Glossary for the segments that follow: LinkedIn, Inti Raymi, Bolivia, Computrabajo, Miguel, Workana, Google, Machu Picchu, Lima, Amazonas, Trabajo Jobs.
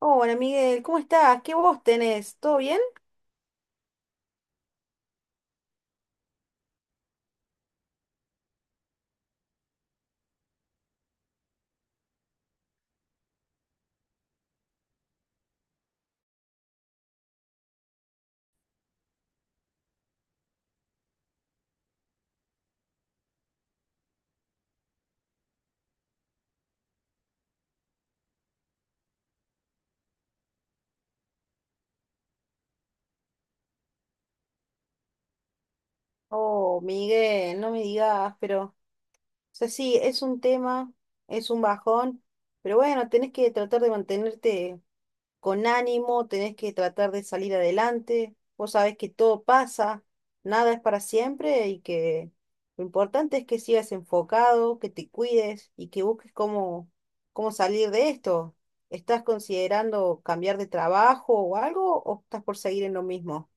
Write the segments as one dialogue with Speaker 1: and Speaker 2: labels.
Speaker 1: Hola Miguel, ¿cómo estás? ¿Qué voz tenés? ¿Todo bien? Oh, Miguel, no me digas, pero, o sea, sí, es un tema, es un bajón, pero bueno, tenés que tratar de mantenerte con ánimo, tenés que tratar de salir adelante, vos sabés que todo pasa, nada es para siempre y que lo importante es que sigas enfocado, que te cuides y que busques cómo, cómo salir de esto. ¿Estás considerando cambiar de trabajo o algo o estás por seguir en lo mismo?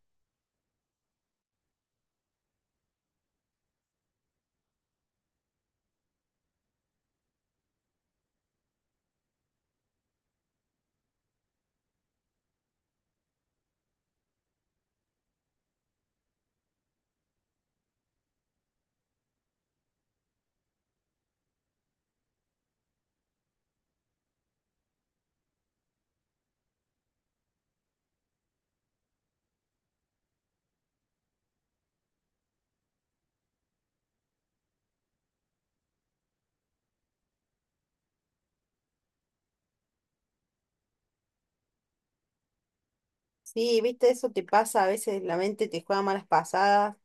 Speaker 1: Sí, viste, eso te pasa, a veces la mente te juega malas pasadas,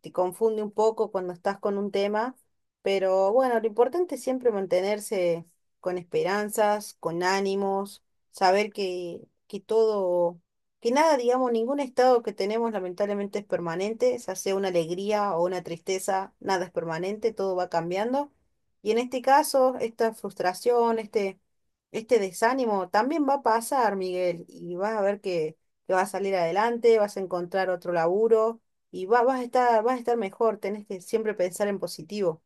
Speaker 1: te confunde un poco cuando estás con un tema, pero bueno, lo importante es siempre mantenerse con esperanzas, con ánimos, saber que todo, que nada, digamos, ningún estado que tenemos lamentablemente es permanente, ya sea una alegría o una tristeza, nada es permanente, todo va cambiando. Y en este caso, esta frustración, este desánimo también va a pasar, Miguel, y vas a ver que vas a salir adelante, vas a encontrar otro laburo y vas a estar mejor, tenés que siempre pensar en positivo.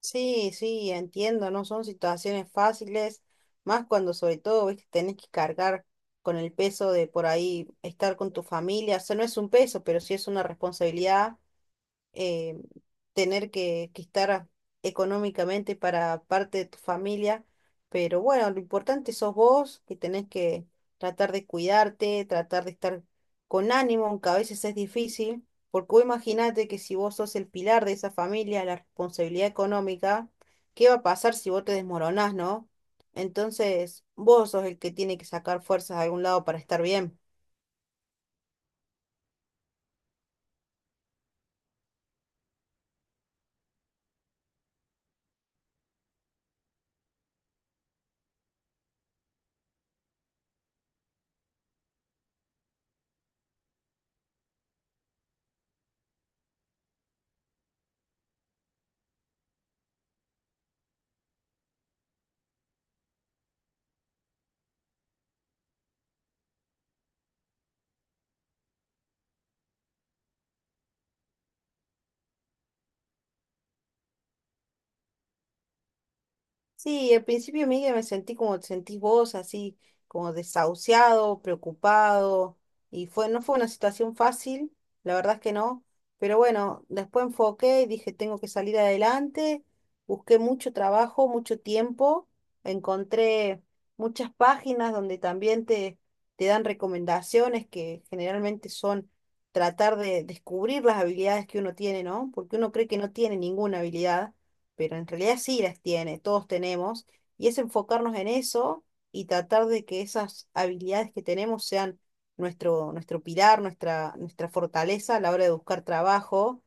Speaker 1: Sí, sí, entiendo, no son situaciones fáciles, más cuando sobre todo, ves que tenés que cargar con el peso de por ahí estar con tu familia, o sea, no es un peso, pero sí es una responsabilidad eh, tener que estar económicamente para parte de tu familia, pero bueno, lo importante sos vos, que tenés que tratar de cuidarte, tratar de estar con ánimo, aunque a veces es difícil, porque vos imaginate que si vos sos el pilar de esa familia, la responsabilidad económica, ¿qué va a pasar si vos te desmoronás, no? Entonces, vos sos el que tiene que sacar fuerzas de algún lado para estar bien. Sí, al principio, Miguel, me sentí como te sentís vos, así como desahuciado, preocupado, y fue, no fue una situación fácil, la verdad es que no, pero bueno, después enfoqué y dije, tengo que salir adelante, busqué mucho trabajo, mucho tiempo, encontré muchas páginas donde también te dan recomendaciones que generalmente son tratar de descubrir las habilidades que uno tiene, ¿no? Porque uno cree que no tiene ninguna habilidad pero en realidad sí las tiene, todos tenemos, y es enfocarnos en eso y tratar de que esas habilidades que tenemos sean nuestro, nuestro pilar, nuestra, nuestra fortaleza a la hora de buscar trabajo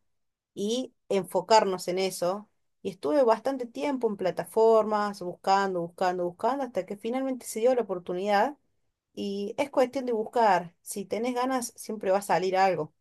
Speaker 1: y enfocarnos en eso. Y estuve bastante tiempo en plataformas, buscando, buscando, buscando, hasta que finalmente se dio la oportunidad. Y es cuestión de buscar. Si tenés ganas, siempre va a salir algo.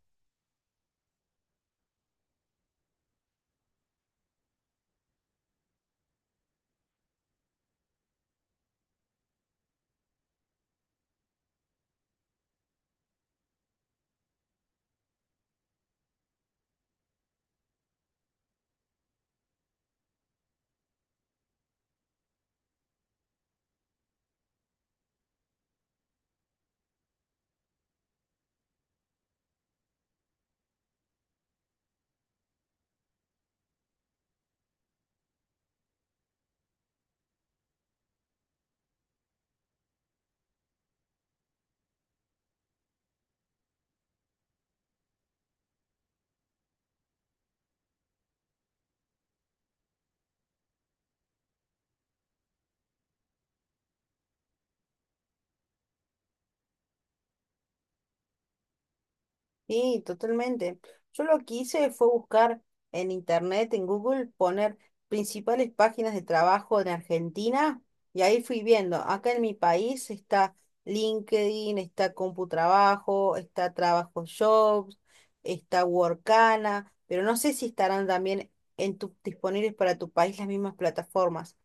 Speaker 1: Sí, totalmente. Yo lo que hice fue buscar en internet, en Google, poner principales páginas de trabajo en Argentina y ahí fui viendo. Acá en mi país está LinkedIn, está Computrabajo, está Trabajo Jobs, está Workana, pero no sé si estarán también en disponibles para tu país las mismas plataformas.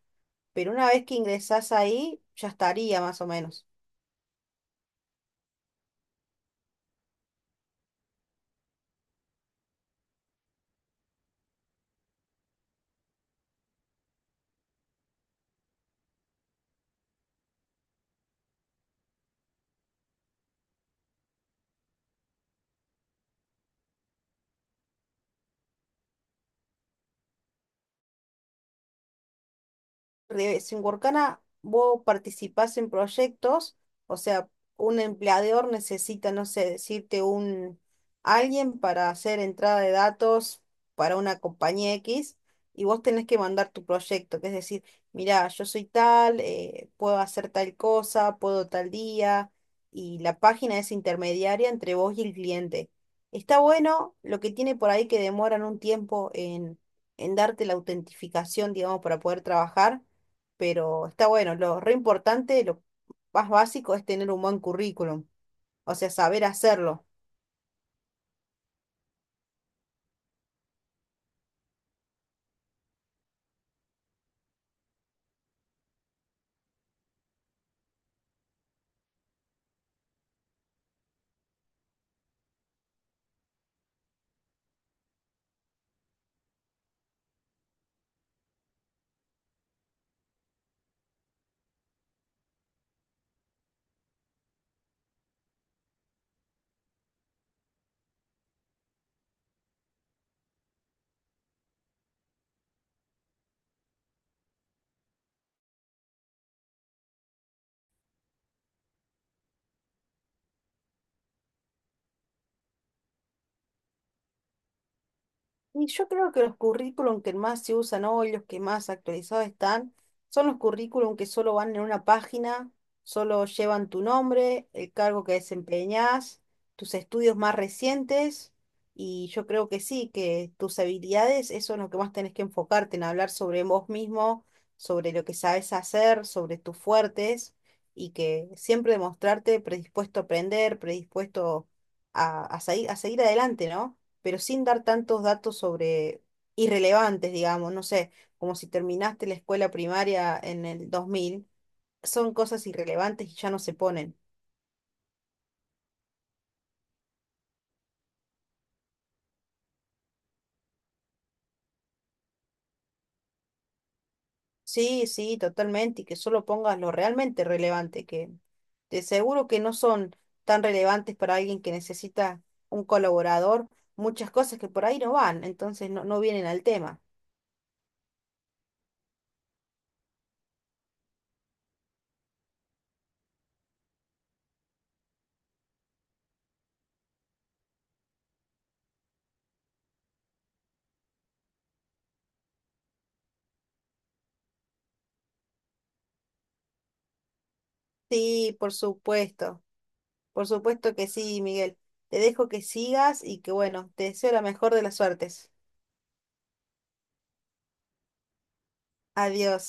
Speaker 1: Pero una vez que ingresás ahí, ya estaría más o menos. Si en Workana vos participás en proyectos, o sea, un empleador necesita, no sé, decirte un alguien para hacer entrada de datos para una compañía X y vos tenés que mandar tu proyecto, que es decir, mirá, yo soy tal, puedo hacer tal cosa, puedo tal día, y la página es intermediaria entre vos y el cliente. Está bueno, lo que tiene por ahí que demoran un tiempo en darte la autentificación, digamos, para poder trabajar pero está bueno. Lo re importante, lo más básico es tener un buen currículum, o sea, saber hacerlo. Y yo creo que los currículum que más se usan hoy, los que más actualizados están, son los currículum que solo van en una página, solo llevan tu nombre, el cargo que desempeñas, tus estudios más recientes, y yo creo que sí, que tus habilidades, eso es lo que más tenés que enfocarte, en hablar sobre vos mismo, sobre lo que sabes hacer, sobre tus fuertes, y que siempre demostrarte predispuesto a aprender, predispuesto a a seguir adelante, ¿no? Pero sin dar tantos datos sobre irrelevantes, digamos, no sé, como si terminaste la escuela primaria en el 2000 son cosas irrelevantes y ya no se ponen. Sí, sí, totalmente, y que solo pongas lo realmente relevante, que de seguro que no son tan relevantes para alguien que necesita un colaborador, muchas cosas que por ahí no van, entonces no, no vienen al tema. Sí, por supuesto que sí, Miguel. Te dejo que sigas y que bueno, te deseo la mejor de las suertes. Adiós.